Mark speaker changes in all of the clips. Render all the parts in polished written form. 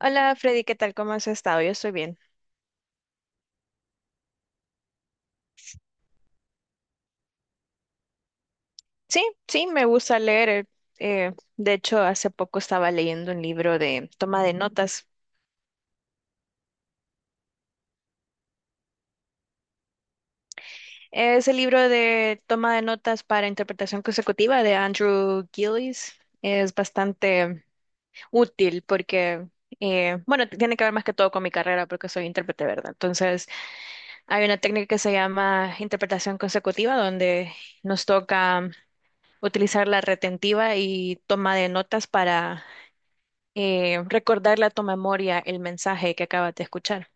Speaker 1: Hola Freddy, ¿qué tal? ¿Cómo has estado? Yo estoy bien. Sí, sí, me gusta leer. De hecho, hace poco estaba leyendo un libro de toma de notas. Es el libro de toma de notas para interpretación consecutiva de Andrew Gillies. Es bastante útil porque, bueno, tiene que ver más que todo con mi carrera porque soy intérprete, ¿verdad? Entonces, hay una técnica que se llama interpretación consecutiva donde nos toca utilizar la retentiva y toma de notas para recordar la tu memoria el mensaje que acabas de escuchar.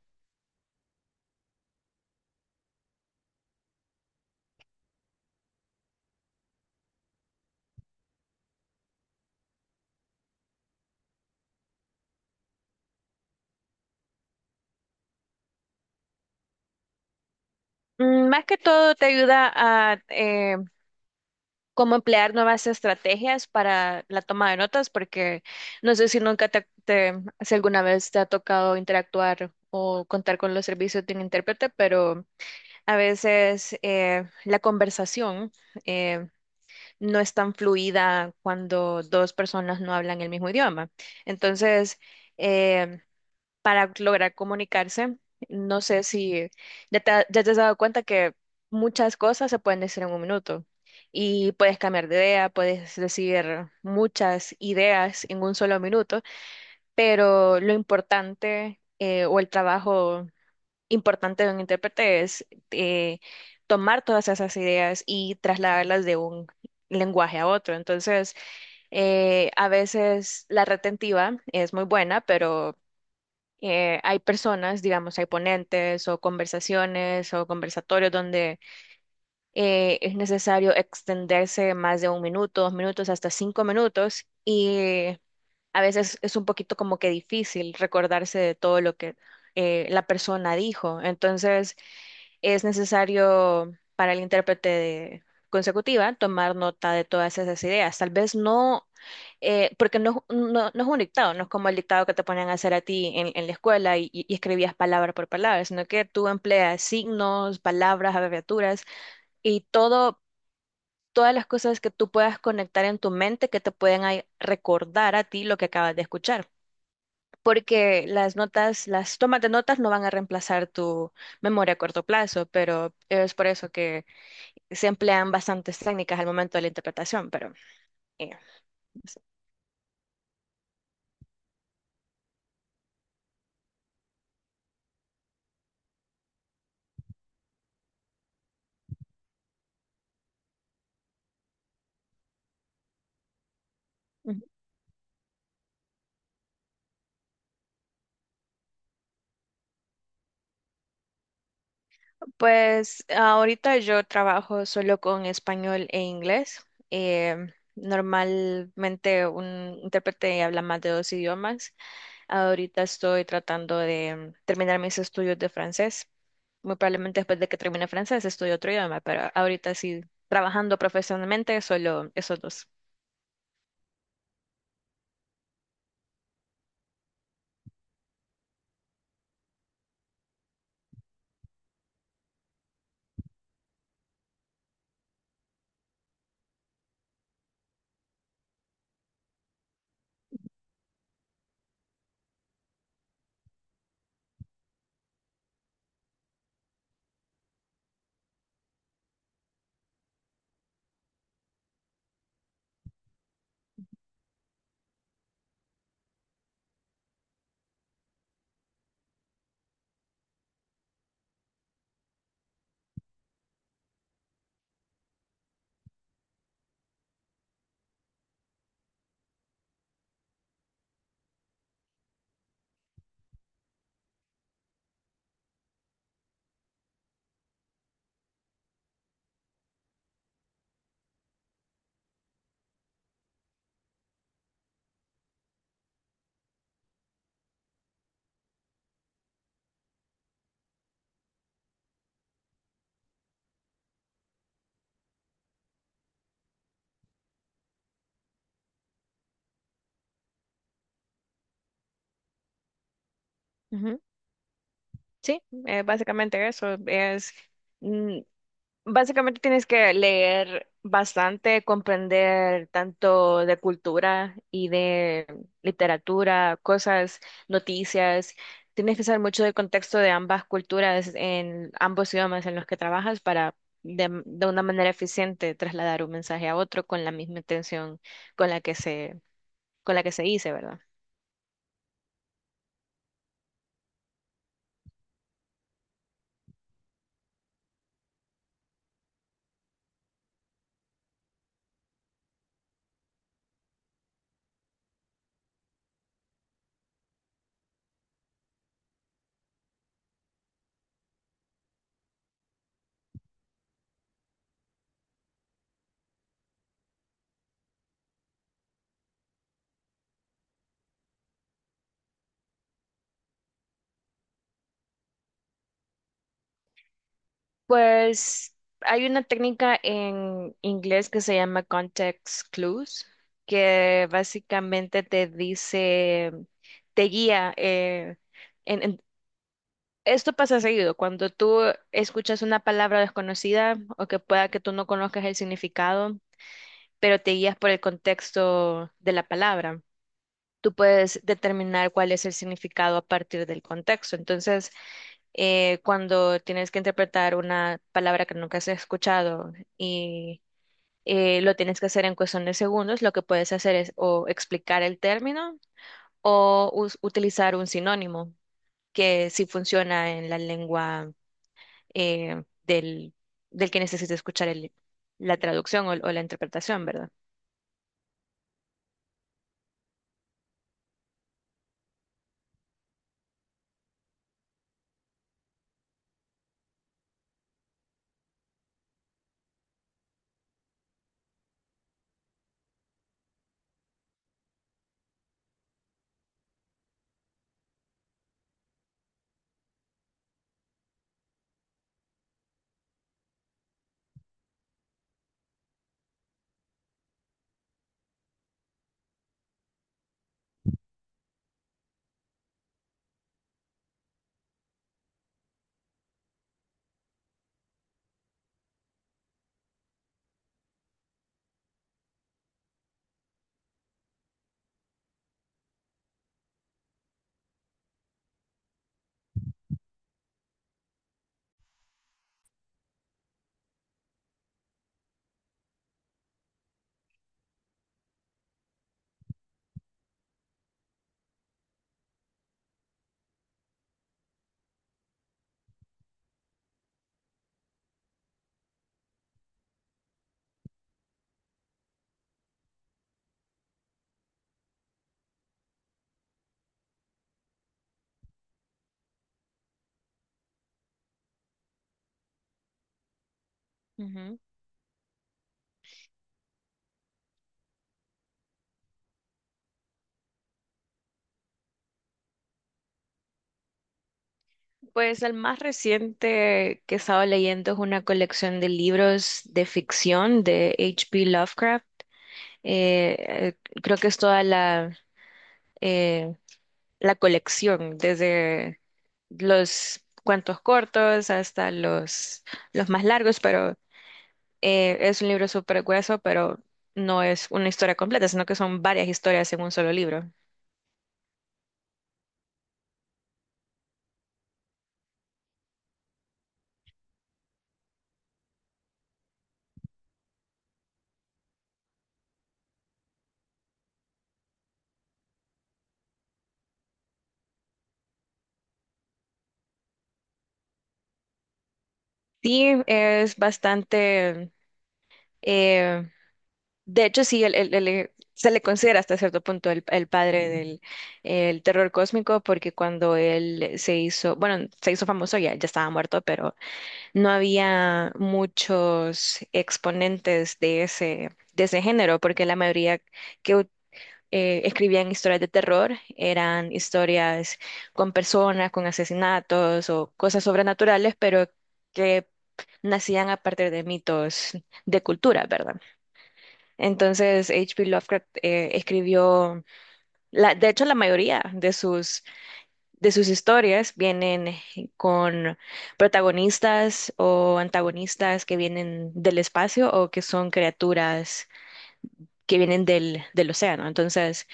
Speaker 1: Más que todo te ayuda a cómo emplear nuevas estrategias para la toma de notas, porque no sé si nunca si alguna vez te ha tocado interactuar o contar con los servicios de un intérprete, pero a veces la conversación eh, no es tan fluida cuando dos personas no hablan el mismo idioma. Entonces, eh, para lograr comunicarse. No sé si ya ya te has dado cuenta que muchas cosas se pueden decir en un minuto y puedes cambiar de idea, puedes decir muchas ideas en un solo minuto, pero lo importante o el trabajo importante de un intérprete es eh, tomar todas esas ideas y trasladarlas de un lenguaje a otro. Entonces, a veces la retentiva es muy buena, pero hay personas, digamos, hay ponentes o conversaciones o conversatorios donde es necesario extenderse más de un minuto, dos minutos, hasta cinco minutos y a veces es un poquito como que difícil recordarse de todo lo que la persona dijo. Entonces, es necesario para el consecutiva tomar nota de todas esas ideas. Tal vez no, porque no es un dictado, no es como el dictado que te ponían a hacer a ti en la escuela y escribías palabra por palabra, sino que tú empleas signos, palabras, abreviaturas y todo. Todas las cosas que tú puedas conectar en tu mente que te pueden recordar a ti lo que acabas de escuchar porque las notas, las tomas de notas no van a reemplazar tu memoria a corto plazo, pero es por eso que se emplean bastantes técnicas al momento de la interpretación, pero eh, no sé. Ujú. Pues ahorita yo trabajo solo con español e inglés. eh, Normalmente un intérprete habla más de dos idiomas. Ahorita estoy tratando de terminar mis estudios de francés. Muy probablemente después de que termine francés estudio otro idioma, pero ahorita sí, trabajando profesionalmente, solo esos dos. Ujú. Sí, básicamente eso es. mm, Básicamente tienes que leer bastante, comprender tanto de cultura y de literatura, cosas, noticias. Tienes que saber mucho del contexto de ambas culturas en ambos idiomas en los que trabajas para de una manera eficiente trasladar un mensaje a otro con la misma intención con la que con la que se dice, ¿verdad? Pues hay una técnica en inglés que se llama context clues, que básicamente te dice, te guía. En, en- Esto pasa seguido, cuando tú escuchas una palabra desconocida o que pueda que tú no conozcas el significado, pero te guías por el contexto de la palabra. Tú puedes determinar cuál es el significado a partir del contexto. Entonces, cuando tienes que interpretar una palabra que nunca has escuchado y lo tienes que hacer en cuestión de segundos, lo que puedes hacer es o explicar el término o utilizar un sinónimo que sí funciona en la lengua eh, del, del que necesita escuchar la traducción o la interpretación, ¿verdad? Ujú. Pues el más reciente que estaba leyendo es una colección de libros de ficción de H P Lovecraft. eh, Creo que es toda eh, la colección, desde los cuentos cortos hasta los más largos, pero es un libro súper grueso, pero no es una historia completa, sino que son varias historias en un solo libro. Sí, es bastante, eh, de hecho sí, se le considera hasta cierto punto el padre del el terror cósmico, porque cuando él se hizo, bueno, se hizo famoso ya, ya estaba muerto, pero no había muchos exponentes de de ese género, porque la mayoría que escribían historias de terror eran historias con personas, con asesinatos o cosas sobrenaturales, pero que nacían a partir de mitos de cultura, ¿verdad? Entonces, H P Lovecraft escribió, la, de hecho, la mayoría de sus historias vienen con protagonistas o antagonistas que vienen del espacio o que son criaturas que vienen del, del océano. Entonces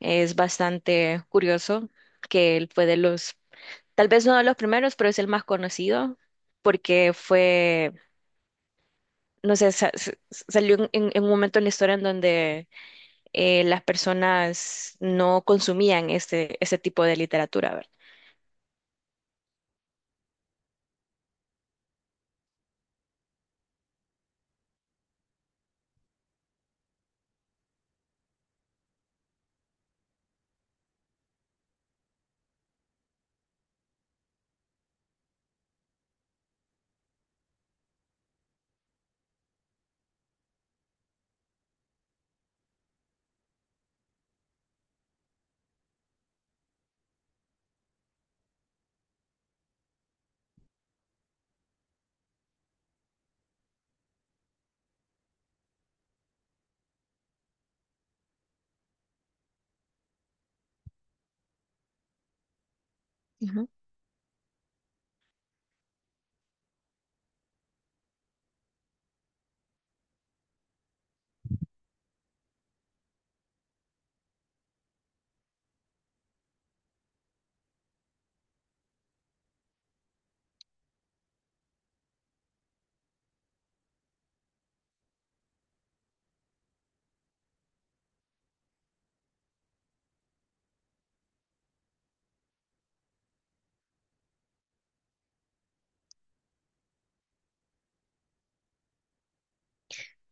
Speaker 1: es bastante curioso que él fue de tal vez no de los primeros, pero es el más conocido porque fue, no sé, salió en, en un momento en la historia en donde las personas no consumían este, ese tipo de literatura, ¿verdad?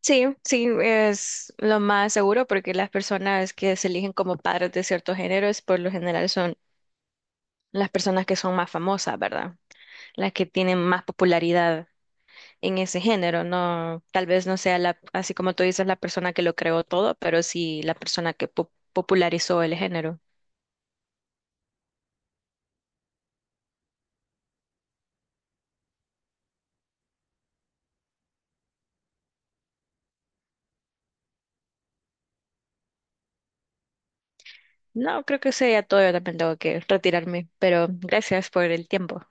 Speaker 1: Sí, sí, es lo más seguro porque las personas que se eligen como padres de ciertos géneros, por lo general son las personas que son más famosas, ¿verdad? Las que tienen más popularidad en ese género, no, tal vez no sea la, así como tú dices, la persona que lo creó todo, pero sí la persona que popularizó el género. No, creo que sea todo, yo también tengo que retirarme, pero gracias por el tiempo.